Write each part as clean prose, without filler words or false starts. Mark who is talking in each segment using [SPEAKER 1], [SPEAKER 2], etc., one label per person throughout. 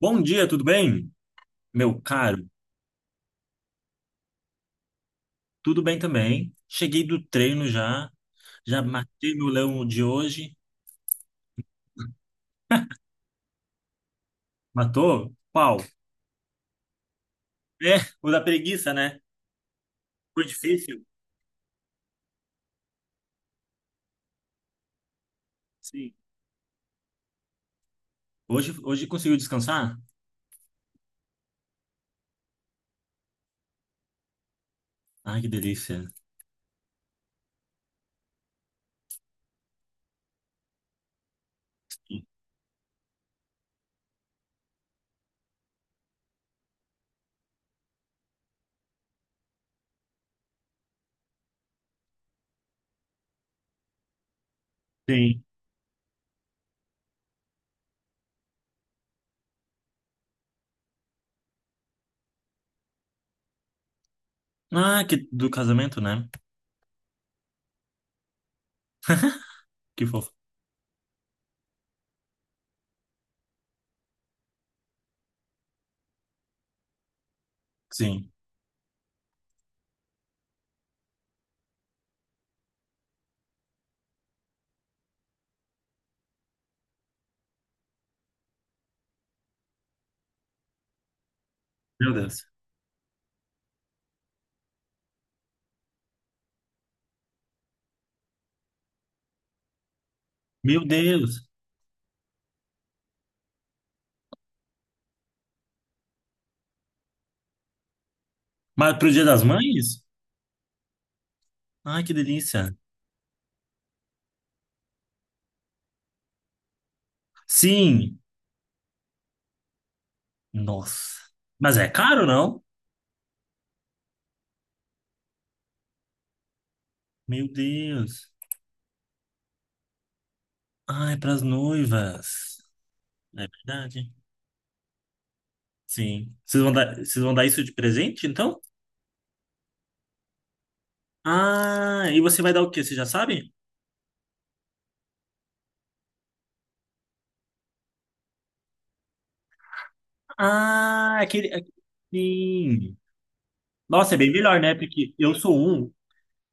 [SPEAKER 1] Bom dia, tudo bem? Meu caro, tudo bem também. Cheguei do treino já, já matei meu leão de hoje. Matou? Qual? É, o da preguiça, né? Foi difícil? Sim. Hoje, hoje conseguiu descansar? Ai, que delícia. Sim. Ah, que do casamento, né? Que fofo. Sim. Meu Deus. Meu Deus. Mas pro Dia das Mães? Ai, que delícia. Sim. Nossa. Mas é caro, não? Meu Deus. Ai, pras noivas. É verdade. Sim. Vocês vão dar isso de presente, então? Ah, e você vai dar o quê? Você já sabe? Ah, aquele. Sim. Nossa, é bem melhor, né? Porque eu sou um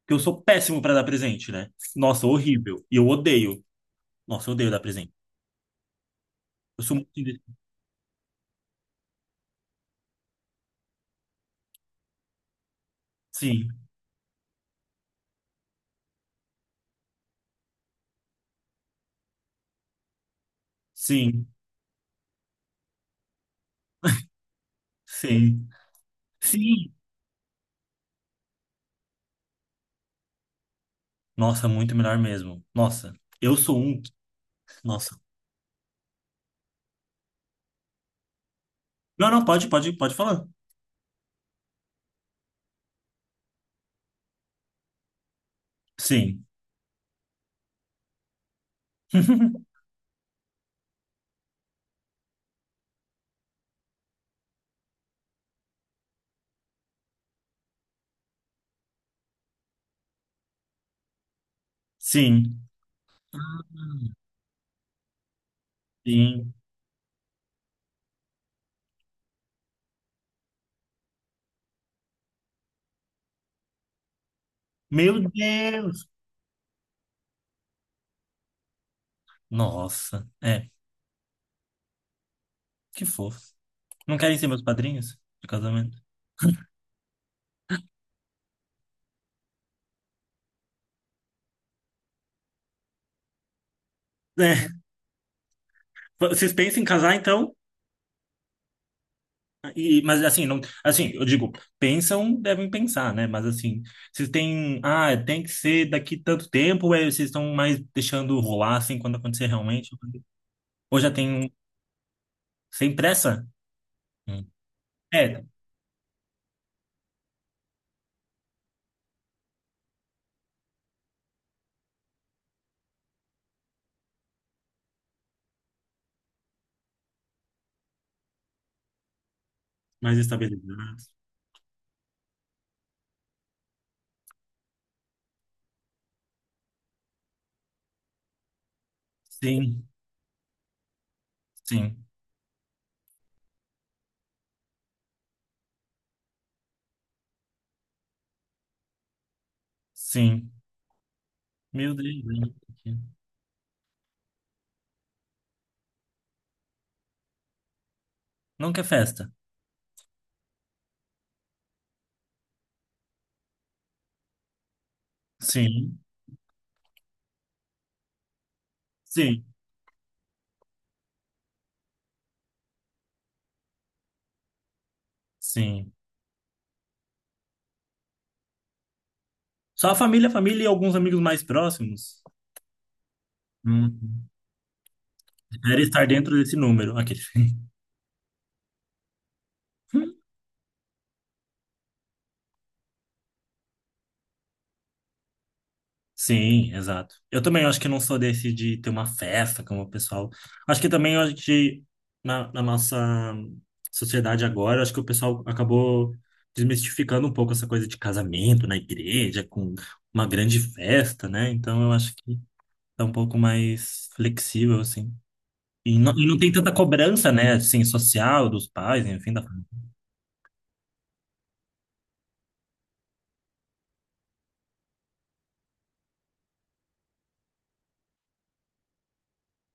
[SPEAKER 1] que eu sou péssimo para dar presente, né? Nossa, horrível. E eu odeio. Nossa, eu odeio dar presente. Eu sou muito. Sim, sim, sim, sim. Nossa, muito melhor mesmo. Nossa, eu sou um. Nossa. Não, não, pode, pode, pode falar. Sim, sim, sim. Meu Deus! Nossa, é, que fofo. Não querem ser meus padrinhos de casamento? É, vocês pensam em casar então? E, mas assim, não, assim, eu digo, pensam, devem pensar, né? Mas assim, vocês têm, ah, tem que ser daqui tanto tempo, ou é, vocês estão mais deixando rolar assim quando acontecer realmente? Ou já tem. Sem pressa? Hum. É, mais estabilidade. Sim, sim, sim. Meu Deus, né? Não quer festa. Sim, sim, sim. Só a família e alguns amigos mais próximos. Hum. Era estar dentro desse número. Aquele. Sim, exato. Eu também acho que não sou desse de ter uma festa como o pessoal. Acho que também a gente, na nossa sociedade agora, acho que o pessoal acabou desmistificando um pouco essa coisa de casamento na igreja, com uma grande festa, né? Então eu acho que tá um pouco mais flexível, assim. E não tem tanta cobrança, né? Assim, social dos pais, enfim, da família.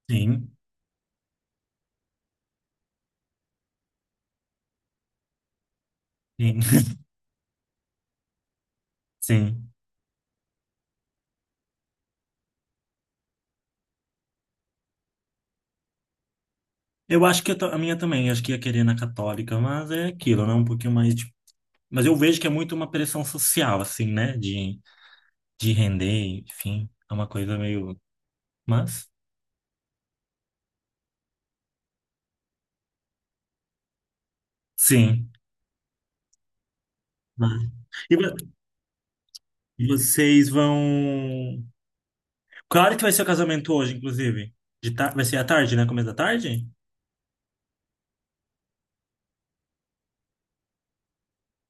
[SPEAKER 1] Sim, sim. Sim. Eu acho que eu a minha também, eu acho que ia querer na católica, mas é aquilo, né? Um pouquinho mais de... Mas eu vejo que é muito uma pressão social, assim, né? De render, enfim. É uma coisa meio... Mas, sim. Vai. E vocês vão... Qual hora que vai ser o casamento hoje, inclusive? De ta... Vai ser à tarde, né? Começo da tarde?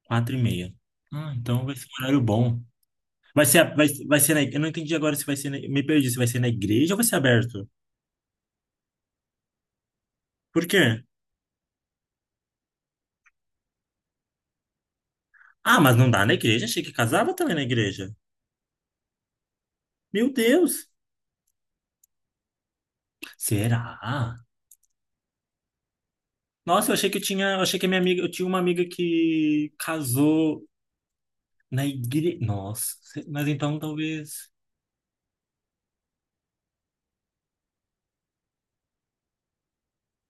[SPEAKER 1] Quatro e meia. Ah, então vai ser um horário bom. Vai ser, vai ser na... Eu não entendi agora se vai ser... Me perdi, se vai ser na igreja ou vai ser aberto? Por quê? Ah, mas não dá na igreja? Achei que casava também na igreja. Meu Deus! Será? Nossa, eu achei que eu tinha, eu achei que a minha amiga, eu tinha uma amiga que casou na igreja. Nossa, mas então talvez.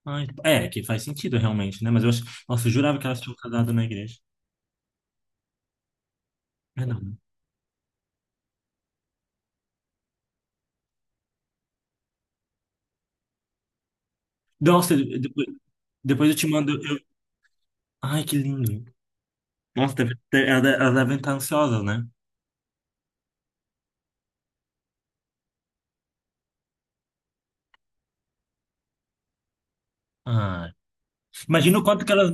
[SPEAKER 1] Ai, é, que faz sentido realmente, né? Mas eu, nossa, eu jurava que elas tinham casado na igreja. É, não. Nossa, depois, depois eu te mando. Ai, que lindo. Nossa, elas elas devem estar ansiosas, né? Ah, imagina o quanto que elas.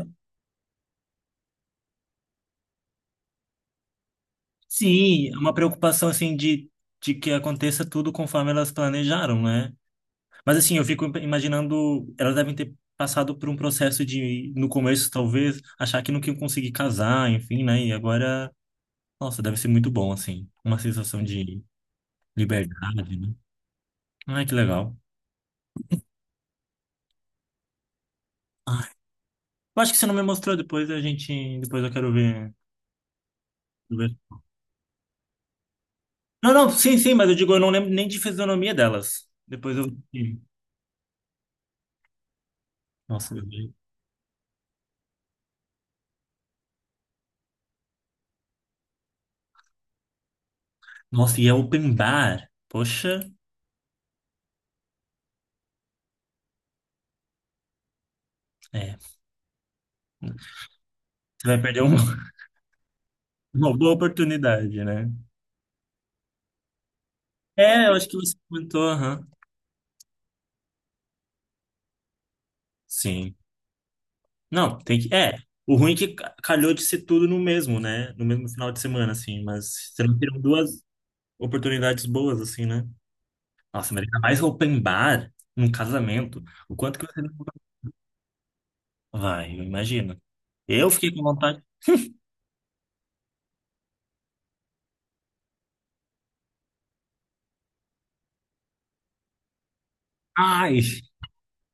[SPEAKER 1] Sim, é uma preocupação assim de que aconteça tudo conforme elas planejaram, né? Mas assim, eu fico imaginando, elas devem ter passado por um processo de, no começo, talvez, achar que nunca iam conseguir casar, enfim, né? E agora, nossa, deve ser muito bom, assim. Uma sensação de liberdade, né? Ai, que legal. Ai, eu acho que você não me mostrou depois, a gente. Depois eu quero ver. Quero ver. Não, não, sim, sim, mas eu digo, eu não lembro nem de fisionomia delas. Depois eu. Nossa, meu. Nossa, e é open bar. Poxa. É, você vai perder uma, uma boa oportunidade, né? É, eu acho que você comentou, aham. Sim. Não, tem que. É, o ruim é que calhou de ser tudo no mesmo, né? No mesmo final de semana, assim, mas você não teriam duas oportunidades boas, assim, né? Nossa, mas ainda mais open bar num casamento. O quanto que você não vai, eu imagino. Eu fiquei com vontade. Ai,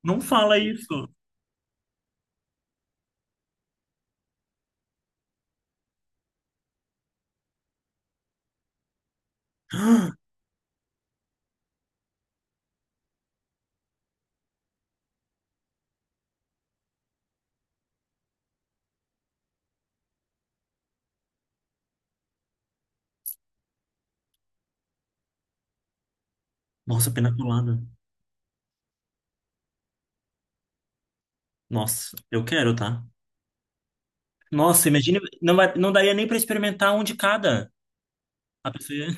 [SPEAKER 1] não fala isso. Nossa, pena colada. Nossa, eu quero, tá? Nossa, imagina, não, não daria nem pra experimentar um de cada. A pessoa.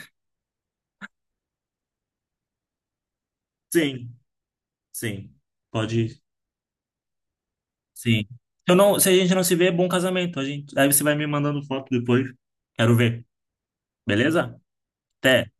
[SPEAKER 1] Sim, sim. Pode ir. Sim. Eu não, se a gente não se vê, é bom casamento. A gente, aí você vai me mandando foto depois. Quero ver. Beleza? Até.